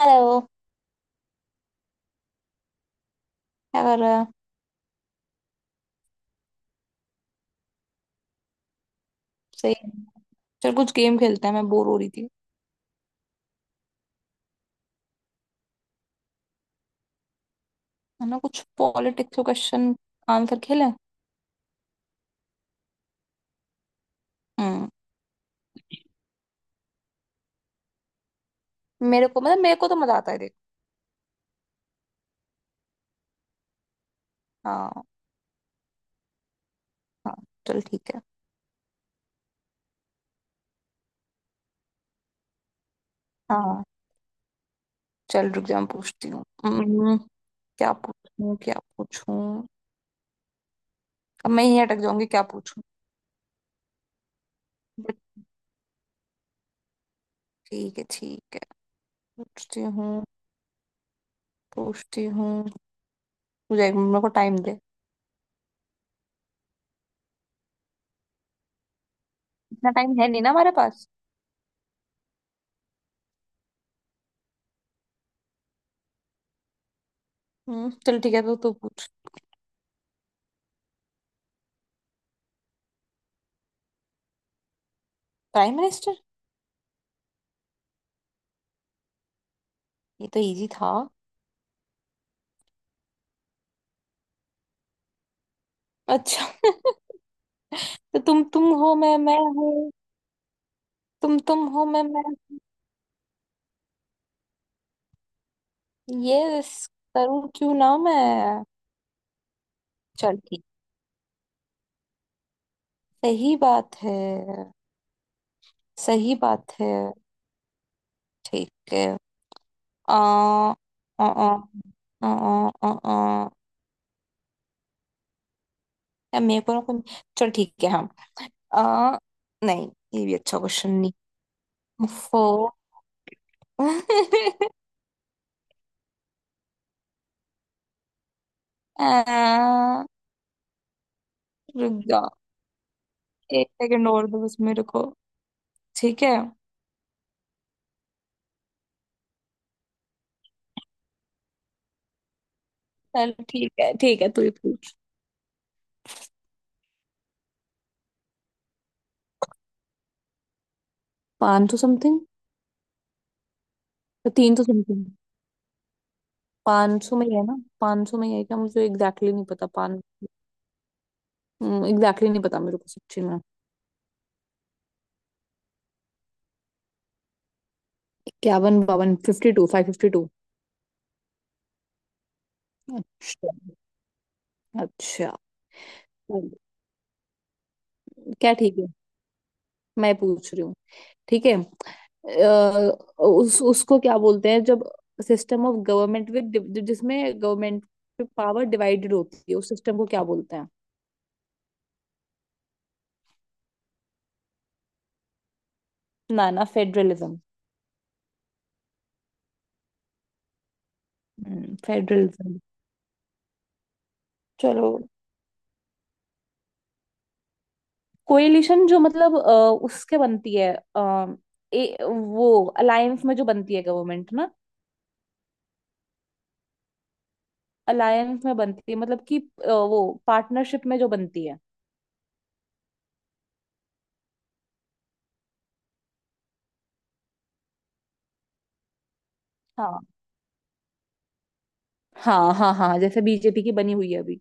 Hello. क्या कर रहा है? सही है। चल कुछ गेम खेलते हैं, मैं बोर हो रही थी। है ना, कुछ पॉलिटिक्स के क्वेश्चन आंसर खेलें। हम्म। मेरे को, मतलब मेरे को तो मजा आता है, देख। हाँ हाँ। चल ठीक है। हाँ। चल रुक जा, मैं पूछती हूँ। क्या पूछूं क्या पूछूं? अब मैं यहीं अटक जाऊंगी, क्या पूछूं। बट ठीक है, ठीक है, पूछती हूँ, पूछती हूँ। तुझे 1 मिनट, मेरे को टाइम दे। इतना टाइम है नहीं ना हमारे पास। चल ठीक है, तो तू पूछ। Prime minister. ये तो इजी था। अच्छा। तो तुम हो मैं हूँ। तुम हो मैं मैं। ये करूँ, क्यों ना मैं? चल ठीक। सही बात है, सही बात है। ठीक है। आ आ आ आ आ आ आ मेरे को ना चल ठीक है। हम आ नहीं, ये भी अच्छा क्वेश्चन नहीं। फो आ, रुक जाओ। 1 सेकंड और दो, बस मेरे को। ठीक है। चल ठीक है, ठीक है, तू ही पूछ। 500 समथिंग। तो तीन तो समथिंग। 500 में ही है ना? 500 में ही है क्या? मुझे एग्जैक्टली नहीं पता। पान एग्जैक्टली नहीं पता मेरे को, सच्ची में। 51 52 52 552। अच्छा। अच्छा। क्या ठीक है? मैं पूछ रही हूँ। ठीक है। अ, उस उसको क्या बोलते हैं जब सिस्टम ऑफ गवर्नमेंट विद, जिसमें गवर्नमेंट पावर डिवाइडेड होती है, उस सिस्टम को क्या बोलते हैं? ना ना, फेडरलिज्म। फेडरलिज्म। चलो। कोएलिशन जो, मतलब उसके बनती है। आ, वो अलायंस में जो बनती है, गवर्नमेंट ना। अलायंस में बनती है, मतलब कि वो पार्टनरशिप में जो बनती है। हाँ, हाँ, हाँ, हाँ, जैसे बीजेपी की बनी हुई है अभी।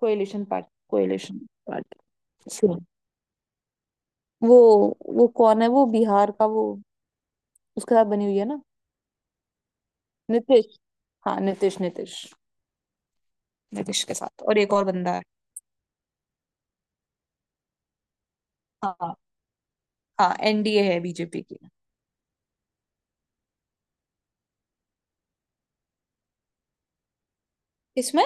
Coalition part coalition. पार्टी। वो वो कौन है, वो बिहार का वो? उसके साथ बनी हुई है ना। नीतीश। हाँ, नीतीश नीतीश। नीतीश के साथ, और एक और बंदा है। हाँ, हाँ, एनडीए है बीजेपी की। इसमें।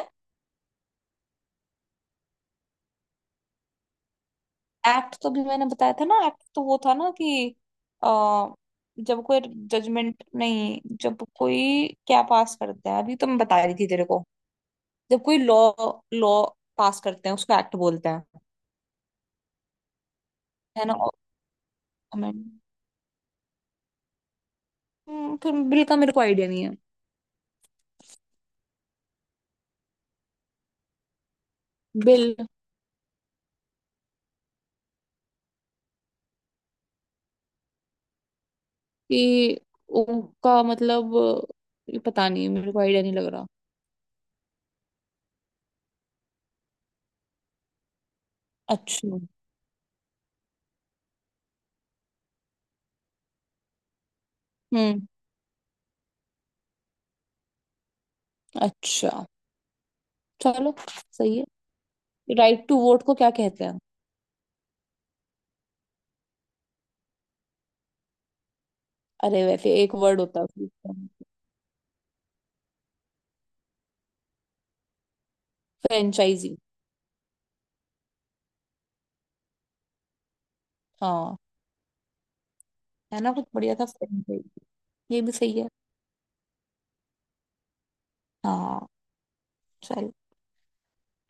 एक्ट तो भी मैंने बताया था ना, एक्ट तो वो था ना कि आ, जब कोई जजमेंट, नहीं, जब कोई क्या पास करता है, अभी तो मैं बता रही थी तेरे को। जब कोई लॉ लॉ पास करते हैं, उसको एक्ट बोलते हैं। है ना, और amendment। फिर बिल का मेरे को आइडिया नहीं है। बिल। कि उनका मतलब। ये पता नहीं, मेरे को आइडिया नहीं लग रहा। अच्छा। हम्म। अच्छा। चलो, सही है। राइट टू वोट को क्या कहते हैं? अरे वैसे एक वर्ड होता है उसमें। फ्रेंचाइजी। हाँ। है ना, कुछ बढ़िया था फ्रेंचाइजी। ये भी सही है। हाँ। चल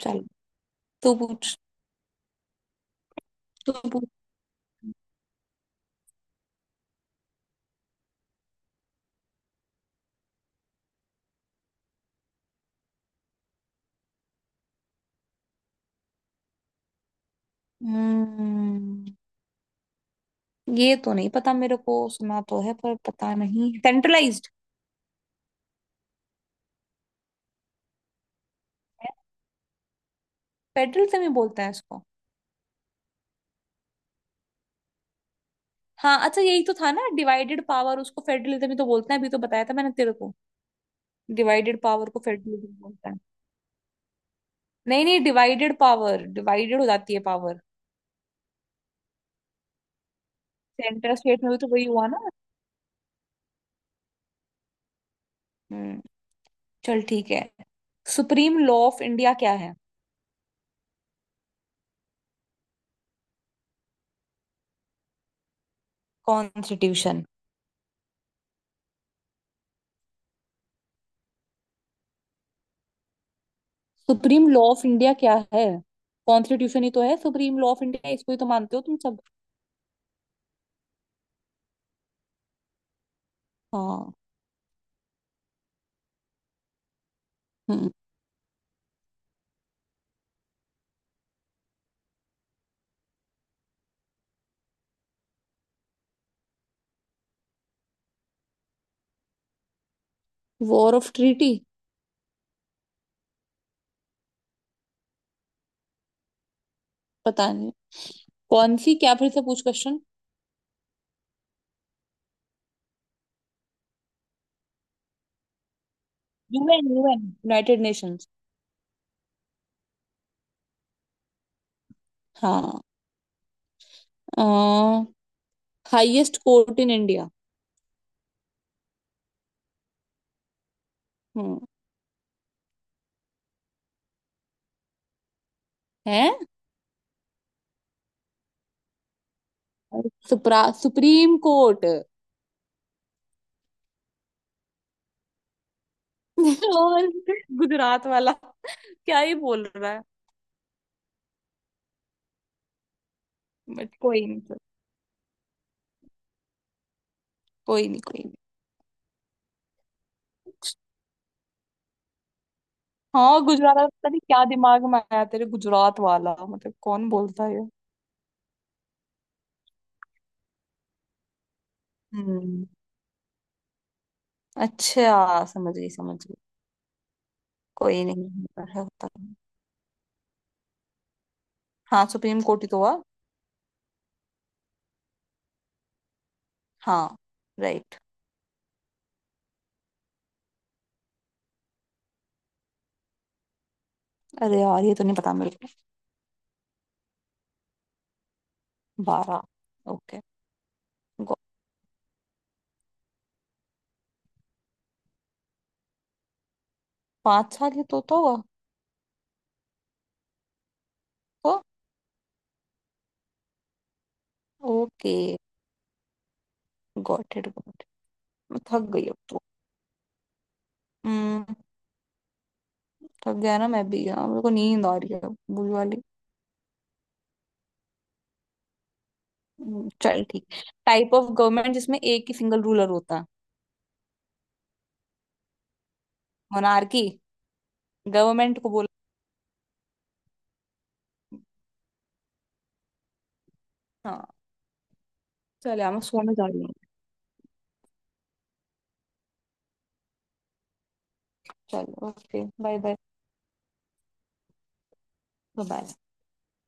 चल। तू पूछ, तू पूछ। हम्म। ये तो नहीं पता मेरे को, सुना तो है पर पता नहीं। सेंट्रलाइज्ड? है, फेडरलिज्म ही बोलते हैं इसको। हाँ, अच्छा, यही तो था ना, डिवाइडेड पावर, उसको फेडरलिज्म ही तो बोलते हैं। अभी तो बताया था मैंने तेरे को। डिवाइडेड पावर को फेडरलिज्म बोलते हैं। नहीं नहीं, डिवाइडेड पावर डिवाइडेड हो जाती है पावर। सेंट्रल स्टेट में भी तो वही हुआ ना। हम्म चल ठीक है। सुप्रीम लॉ ऑफ इंडिया क्या है? Constitution. Supreme law of India क्या है? कॉन्स्टिट्यूशन ही तो है सुप्रीम लॉ ऑफ इंडिया, इसको ही तो मानते हो तुम सब। हाँ। हम्म। War of treaty. पता नहीं, कौन सी क्या? फिर से पूछ question. UN UN, United Nations. हाँ, हाईएस्ट कोर्ट इन इंडिया? हम्म। है सुप्रा सुप्रीम कोर्ट। और गुजरात वाला क्या ही बोल रहा है? बट कोई नहीं, कोई नहीं, कोई नहीं। हाँ, गुजरात वाला, पता नहीं क्या दिमाग में आया तेरे, गुजरात वाला मतलब कौन बोलता है ये। हम्म अच्छा, समझ गई समझ गई। कोई नहीं पर है होता है। हाँ, सुप्रीम कोर्ट ही तो हुआ। हाँ, राइट। अरे यार, ये तो नहीं पता मेरे को। 12। ओके। 5 साल ये तो हुआ। तो। Okay, got it got it. मैं थक गई अब तो। हम्म। थक गया ना मैं भी यार, मेरे को नींद आ रही है अब, बुरी वाली। चल ठीक। टाइप ऑफ गवर्नमेंट जिसमें एक ही सिंगल रूलर होता है? मोनार्की गवर्नमेंट को बोला। हाँ। चल यार, मैं सोने जा रही हूँ। चल, ओके, बाय बाय, बाय।